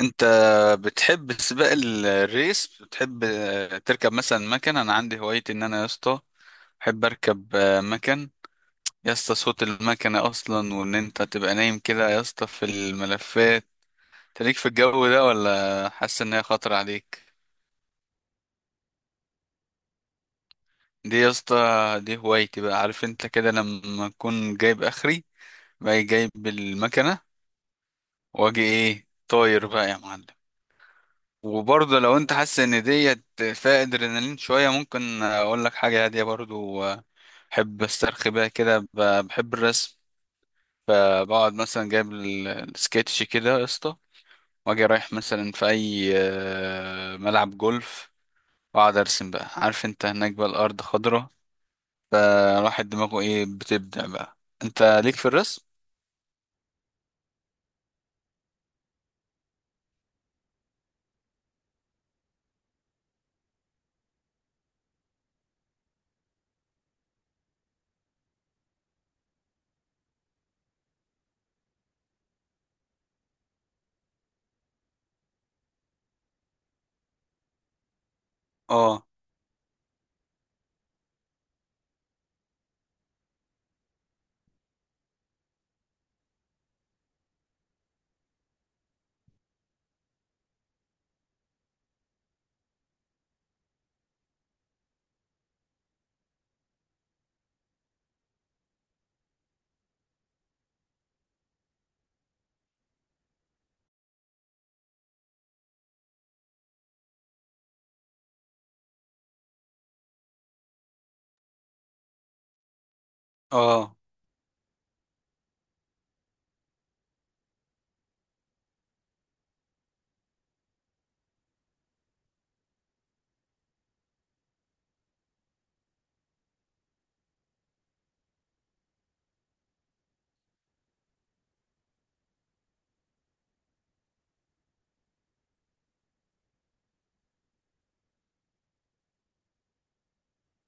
انت بتحب سباق الريس؟ بتحب تركب مثلا مكنه؟ انا عندي هوايتي ان انا يا اسطى بحب اركب مكن. يا اسطى صوت المكنه اصلا وان انت تبقى نايم كده يا اسطى في الملفات تليك في الجو ده ولا حاسس ان هي خطر عليك. دي يا اسطى دي هوايتي بقى. عارف انت كده لما اكون جايب اخري باجي جايب المكنه واجي ايه طاير بقى يا معلم. وبرضه لو انت حاسس ان ديت فيها ادرينالين شويه ممكن اقول لك حاجه هاديه برضه. بحب استرخي بيها كده بحب الرسم. فبقعد مثلا جايب السكتش كده يا اسطى واجي رايح مثلا في اي ملعب جولف واقعد ارسم بقى. عارف انت هناك بقى الارض خضره فالواحد دماغه ايه بتبدع بقى. انت ليك في الرسم؟ اه، اه.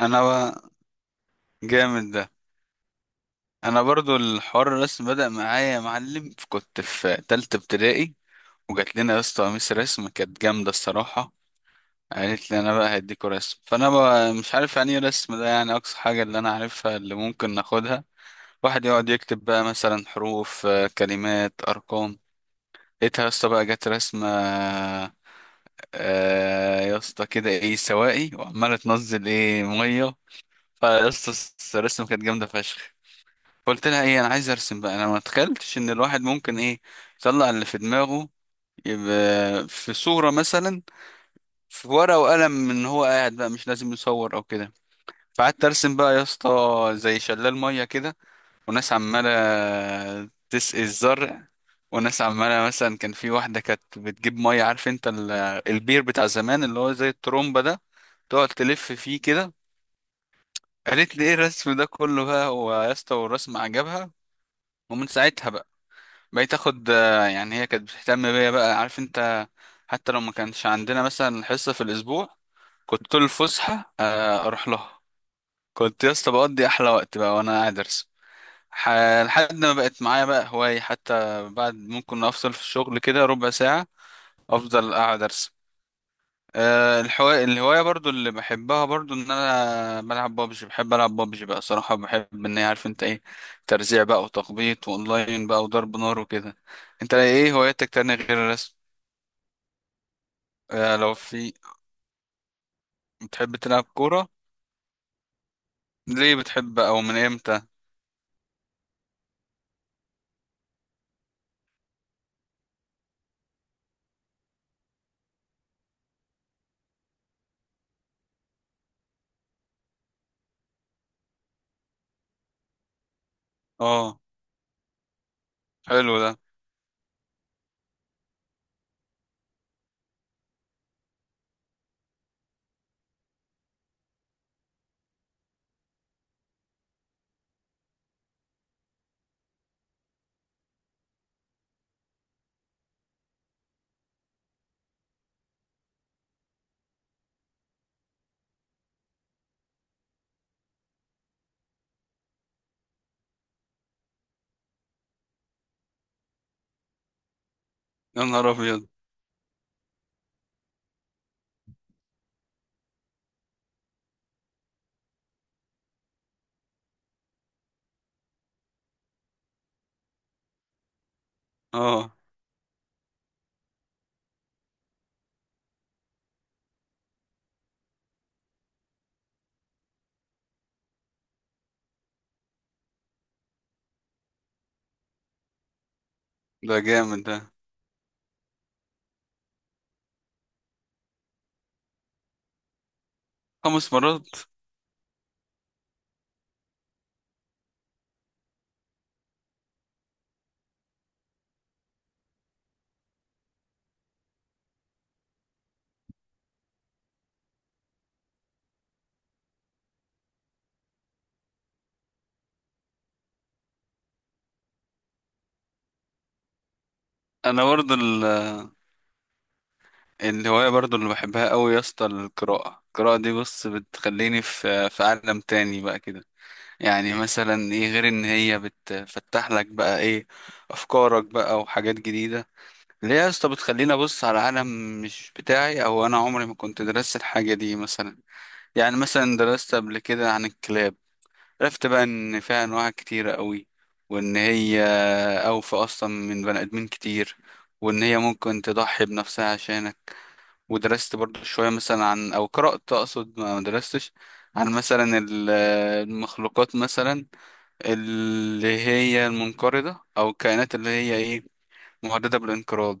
انا بقى جامد ده. انا برضو الحوار الرسم بدأ معايا يا معلم كنت في تالتة ابتدائي. وجات لنا يا اسطى قميص رسم كانت جامدة الصراحة. قالت لي انا بقى هديكوا رسم. فانا بقى مش عارف يعني ايه رسم ده. يعني اقصى حاجة اللي انا عارفها اللي ممكن ناخدها واحد يقعد يكتب بقى مثلا حروف كلمات ارقام. لقيتها يا اسطى بقى جت رسمة يا اسطى كده ايه سوائي وعمالة تنزل ايه مية. فيا اسطى الرسمة كانت جامدة فشخ. فقلت لها ايه انا عايز ارسم بقى. انا ما تخيلتش ان الواحد ممكن ايه يطلع اللي في دماغه يبقى في صورة مثلا في ورقة وقلم من هو قاعد بقى مش لازم يصور او كده. فقعدت ارسم بقى يا اسطى زي شلال ميه كده وناس عماله تسقي الزرع وناس عماله مثلا كان في واحده كانت بتجيب ميه. عارف انت البير بتاع زمان اللي هو زي الترومبه ده تقعد تلف فيه كده. قالت لي ايه الرسم ده كله بقى هو يا اسطى والرسم عجبها. ومن ساعتها بقى بقيت اخد يعني هي كانت بتهتم بيا بقى. عارف انت حتى لو ما كانش عندنا مثلا حصه في الاسبوع كنت طول الفسحة أروح لها. كنت يا اسطى بقضي أحلى وقت بقى وأنا قاعد أرسم. ح- لحد ما بقت معايا بقى هواية حتى بعد ممكن أفصل في الشغل كده ربع ساعة أفضل قاعد أرسم. الهواية برضو اللي بحبها برضو إن أنا بلعب بابجي. بحب ألعب بابجي بقى صراحة. بحب إن هي عارف أنت إيه ترزيع بقى وتخبيط وأونلاين بقى وضرب نار وكده. أنت إيه هواياتك تانية غير الرسم؟ لو في بتحب تلعب كورة؟ ليه بتحب أو من إمتى؟ آه، حلو ده. يا نهار ابيض. اه، ده جامد ده. 5 مرات؟ انا برضه الهوايه برضه اللي بحبها قوي يا اسطى القراءه. القراءه دي بص بتخليني في عالم تاني بقى كده. يعني مثلا ايه غير ان هي بتفتح لك بقى ايه افكارك بقى وحاجات جديده. اللي هي يا اسطى بتخليني ابص على عالم مش بتاعي او انا عمري ما كنت درست الحاجه دي مثلا. يعني مثلا درست قبل كده عن الكلاب. عرفت بقى ان فيها انواع كتيرة قوي وان هي اوفى اصلا من بني ادمين كتير وان هي ممكن تضحي بنفسها عشانك. ودرست برضو شوية مثلا عن او قرأت اقصد ما درستش. عن مثلا المخلوقات مثلا اللي هي المنقرضة او الكائنات اللي هي ايه مهددة بالانقراض.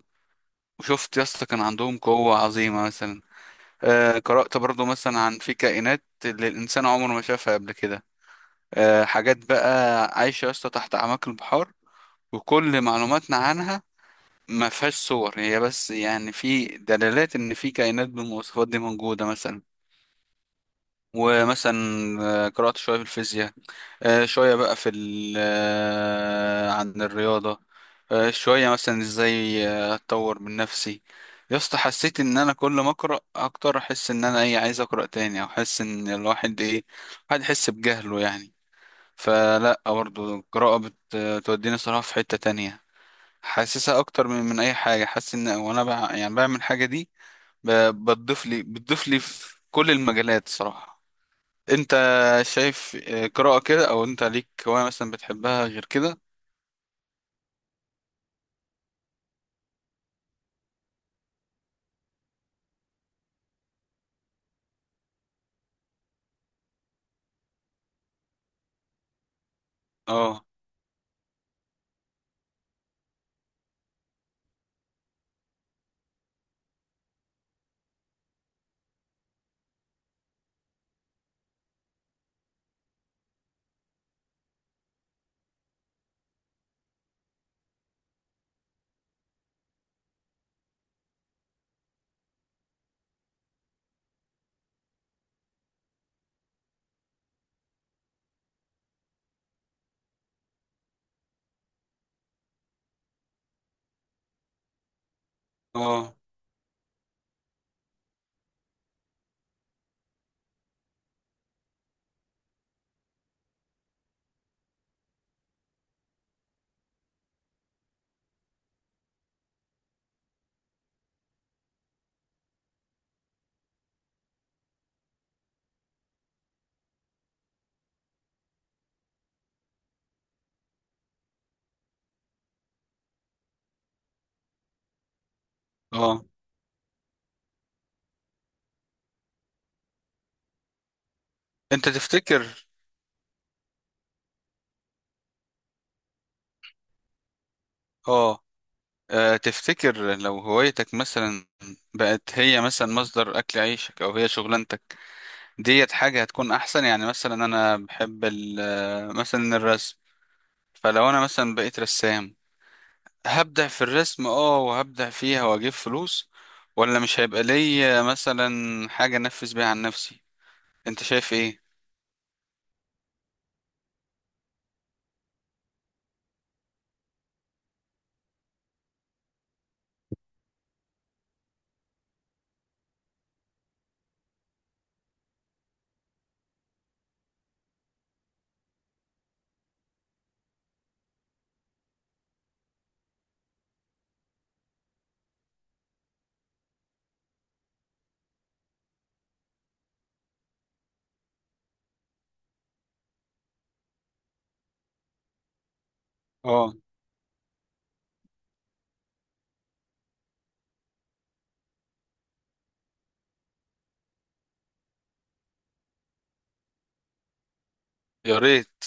وشفت يا اسطى كان عندهم قوة عظيمة مثلا. قرأت برضو مثلا عن في كائنات اللي الانسان عمره ما شافها قبل كده. حاجات بقى عايشة يا اسطى تحت أعماق البحار. وكل معلوماتنا عنها ما فيهاش صور هي بس. يعني في دلالات إن في كائنات بالمواصفات دي موجودة مثلا. ومثلا قرأت شوية في الفيزياء. شوية بقى في ال آه، عن الرياضة. شوية مثلا إزاي أتطور من نفسي. يا اسطى حسيت إن أنا كل ما أقرأ أكتر أحس إن أنا إيه عايز أقرأ تاني. أو أحس إن الواحد إيه الواحد يحس بجهله يعني. فلا برضه القراءة بتوديني صراحة في حتة تانية. حاسسها أكتر من أي حاجة. حاسس إن وأنا يعني بعمل الحاجة دي بتضيف لي في كل المجالات صراحة. أنت شايف قراءة كده أو أنت ليك هواية مثلا بتحبها غير كده؟ اه، اه، اه. أنت تفتكر؟ اه. تفتكر لو هوايتك مثلا بقت هي مثلا مصدر أكل عيشك أو هي شغلانتك ديت حاجة هتكون أحسن. يعني مثلا أنا بحب مثلا الرسم فلو أنا مثلا بقيت رسام هبدع في الرسم اه وهبدع فيها وأجيب فلوس. ولا مش هيبقى ليا مثلا حاجة أنفذ بيها عن نفسي. أنت شايف إيه؟ اه. يا ريت.